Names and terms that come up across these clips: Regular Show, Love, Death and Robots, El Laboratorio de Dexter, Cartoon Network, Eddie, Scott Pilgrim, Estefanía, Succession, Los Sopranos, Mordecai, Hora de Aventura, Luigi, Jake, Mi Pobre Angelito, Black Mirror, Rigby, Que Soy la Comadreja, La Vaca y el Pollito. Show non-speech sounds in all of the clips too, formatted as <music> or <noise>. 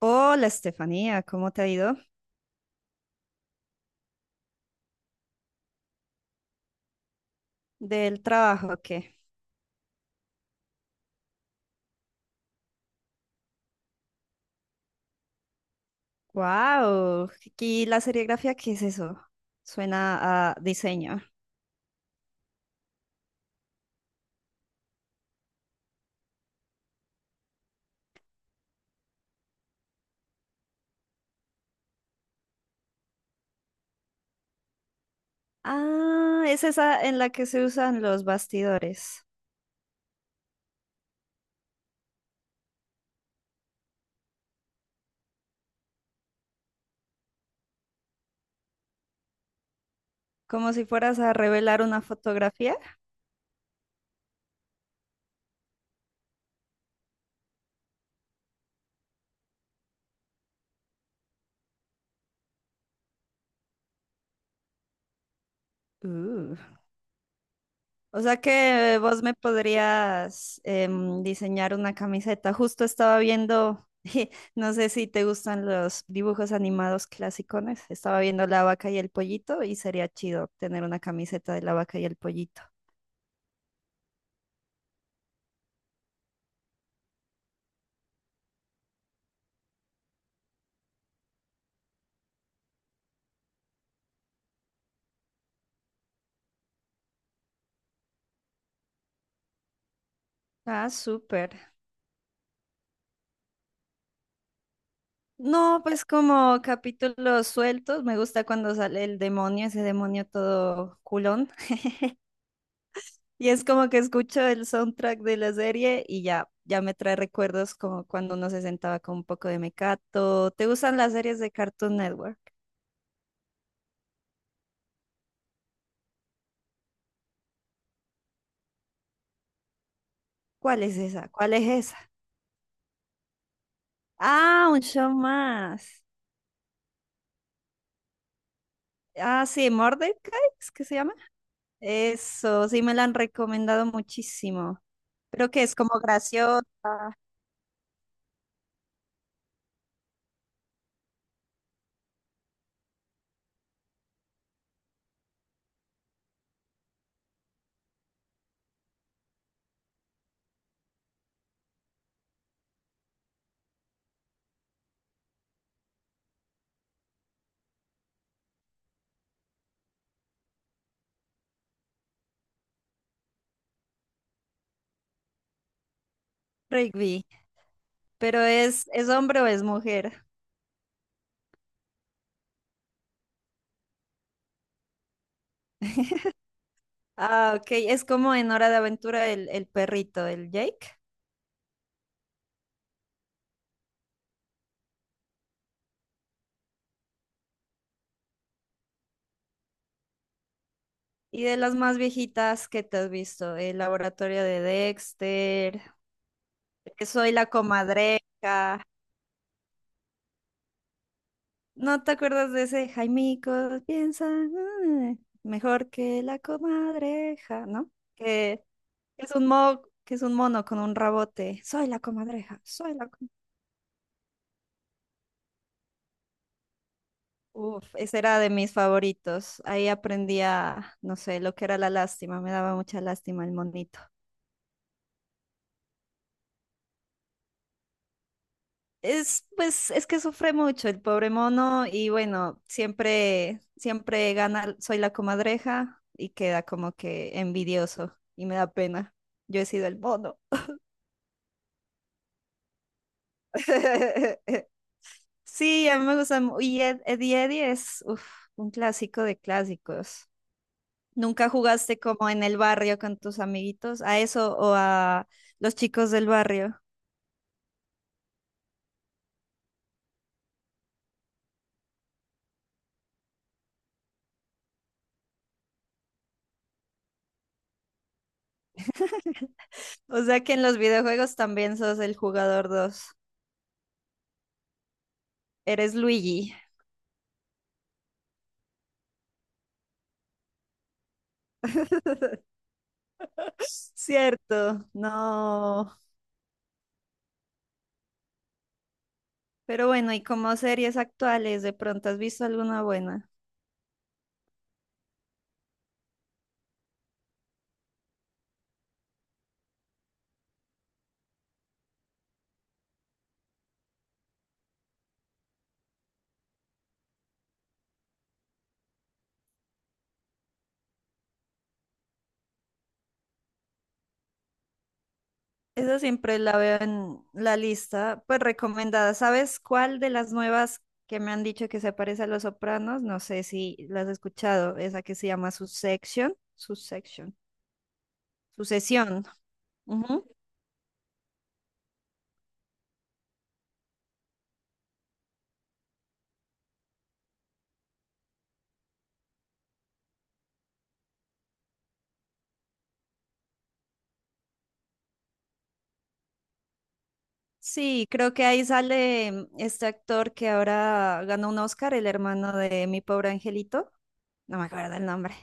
Hola Estefanía, ¿cómo te ha ido? ¿Del trabajo o qué? ¡Wow! ¿Y la serigrafía qué es eso? Suena a diseño. Ah, es esa en la que se usan los bastidores, como si fueras a revelar una fotografía. Uh. O sea que vos me podrías diseñar una camiseta. Justo estaba viendo, <laughs> no sé si te gustan los dibujos animados clasicones. Estaba viendo La Vaca y el Pollito y sería chido tener una camiseta de La Vaca y el Pollito. Ah, súper. No, pues como capítulos sueltos, me gusta cuando sale el demonio, ese demonio todo culón. <laughs> Y es como que escucho el soundtrack de la serie y ya, ya me trae recuerdos como cuando uno se sentaba con un poco de mecato. ¿Te gustan las series de Cartoon Network? ¿Cuál es esa? ¿Cuál es esa? Ah, un show más. Ah, sí, Mordecai, ¿es que se llama? Eso, sí me la han recomendado muchísimo. ¿Pero que es como graciosa, Rigby, pero ¿es hombre o es mujer? Ah, ok, es como en Hora de Aventura el perrito, el Jake. Y de las más viejitas que te has visto, El Laboratorio de Dexter, Que Soy la Comadreja. ¿No te acuerdas de ese Jaimico? Piensa ah, mejor que la comadreja, ¿no? Que que es un que es un mono con un rabote. Soy la comadreja, Uf, ese era de mis favoritos. Ahí aprendía, no sé, lo que era la lástima. Me daba mucha lástima el monito. Es, pues, es que sufre mucho el pobre mono y bueno, siempre, siempre gana, soy la comadreja y queda como que envidioso y me da pena. Yo he sido el mono. <laughs> Sí, a mí me gusta. Y Eddie Eddie es uf, un clásico de clásicos. ¿Nunca jugaste como en el barrio con tus amiguitos? ¿A eso o a los chicos del barrio? <laughs> O sea que en los videojuegos también sos el jugador 2. Eres Luigi. <laughs> Cierto, no. Pero bueno, y como series actuales, ¿de pronto has visto alguna buena? Esa siempre la veo en la lista, pues recomendada. ¿Sabes cuál de las nuevas que me han dicho que se parece a Los Sopranos? No sé si las has escuchado, esa que se llama Succession, Succession, Sucesión. Ujú. Sí, creo que ahí sale este actor que ahora ganó un Oscar, el hermano de Mi Pobre Angelito. No me acuerdo el nombre.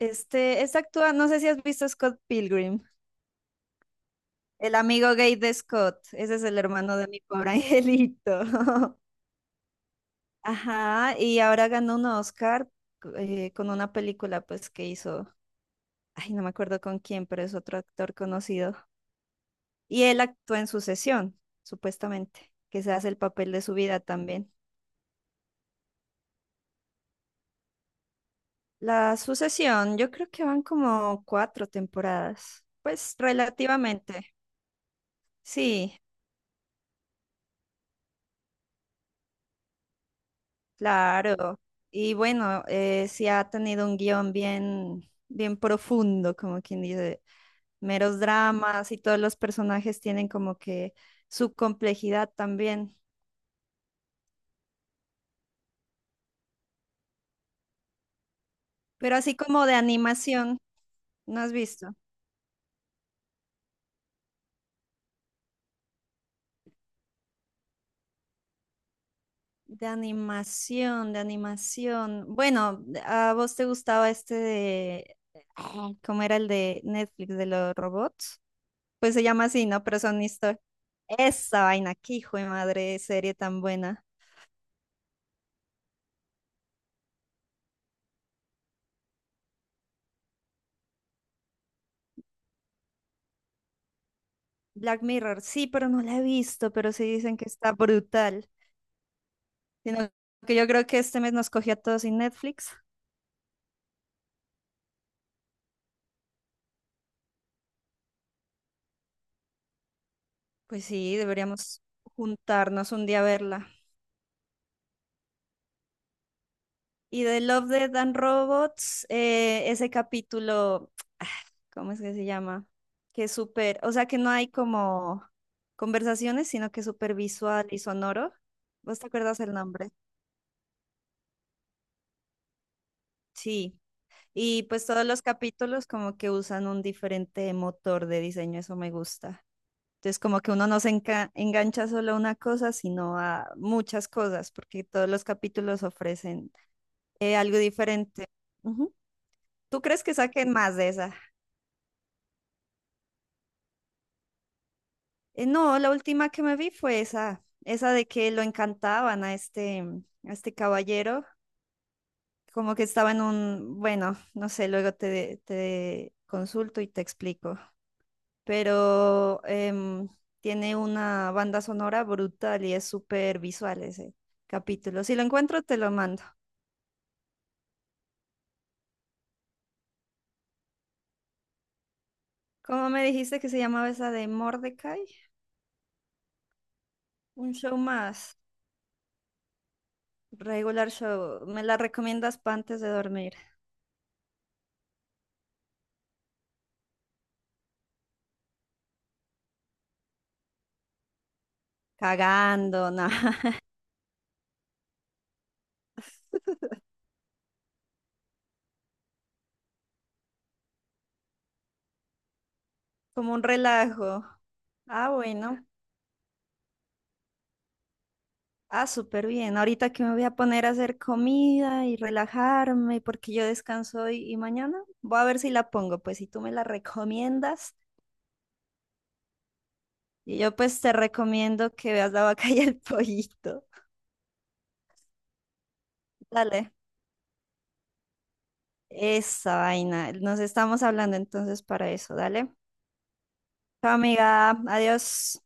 Este, es actúa, no sé si has visto Scott Pilgrim, el amigo gay de Scott, ese es el hermano de mi pobre angelito. <laughs> Ajá, y ahora ganó un Oscar con una película pues que hizo, ay, no me acuerdo con quién, pero es otro actor conocido. Y él actúa en Sucesión, supuestamente, que se hace el papel de su vida también. La Sucesión, yo creo que van como cuatro temporadas, pues relativamente, sí. Claro, y bueno, sí ha tenido un guión bien, bien profundo, como quien dice, meros dramas y todos los personajes tienen como que su complejidad también. Pero así como de animación, ¿no has visto? De animación, de animación. Bueno, ¿a vos te gustaba este de... ah, ¿cómo era el de Netflix de los robots? Pues se llama así, ¿no? Pero son historias. Esa vaina, qué hijo de madre, serie tan buena. Black Mirror, sí, pero no la he visto, pero sí dicen que está brutal. Sino que yo creo que este mes nos cogió a todos sin Netflix. Pues sí, deberíamos juntarnos un día a verla. Y de Love, Death and Robots, ese capítulo, ah, ¿cómo es que se llama? Que es súper, o sea que no hay como conversaciones, sino que es súper visual y sonoro. ¿Vos te acuerdas el nombre? Sí. Y pues todos los capítulos como que usan un diferente motor de diseño, eso me gusta. Entonces como que uno no engancha solo a una cosa, sino a muchas cosas, porque todos los capítulos ofrecen algo diferente. Ujú. ¿Tú crees que saquen más de esa? No, la última que me vi fue esa, esa de que lo encantaban a este, a este caballero, como que estaba en un, bueno, no sé, luego te consulto y te explico, pero em, tiene una banda sonora brutal y es súper visual ese capítulo. Si lo encuentro, te lo mando. ¿Cómo me dijiste que se llamaba esa de Mordecai? Un show más, regular show. ¿Me la recomiendas para antes de dormir? Cagando, nada, <laughs> como un relajo. Ah, bueno. Ah, súper bien. Ahorita que me voy a poner a hacer comida y relajarme porque yo descanso hoy y mañana. Voy a ver si la pongo, pues si tú me la recomiendas. Y yo pues te recomiendo que veas la vaca y el <laughs> pollito. Dale. Esa vaina. Nos estamos hablando entonces para eso. Dale. Chao, amiga. Adiós.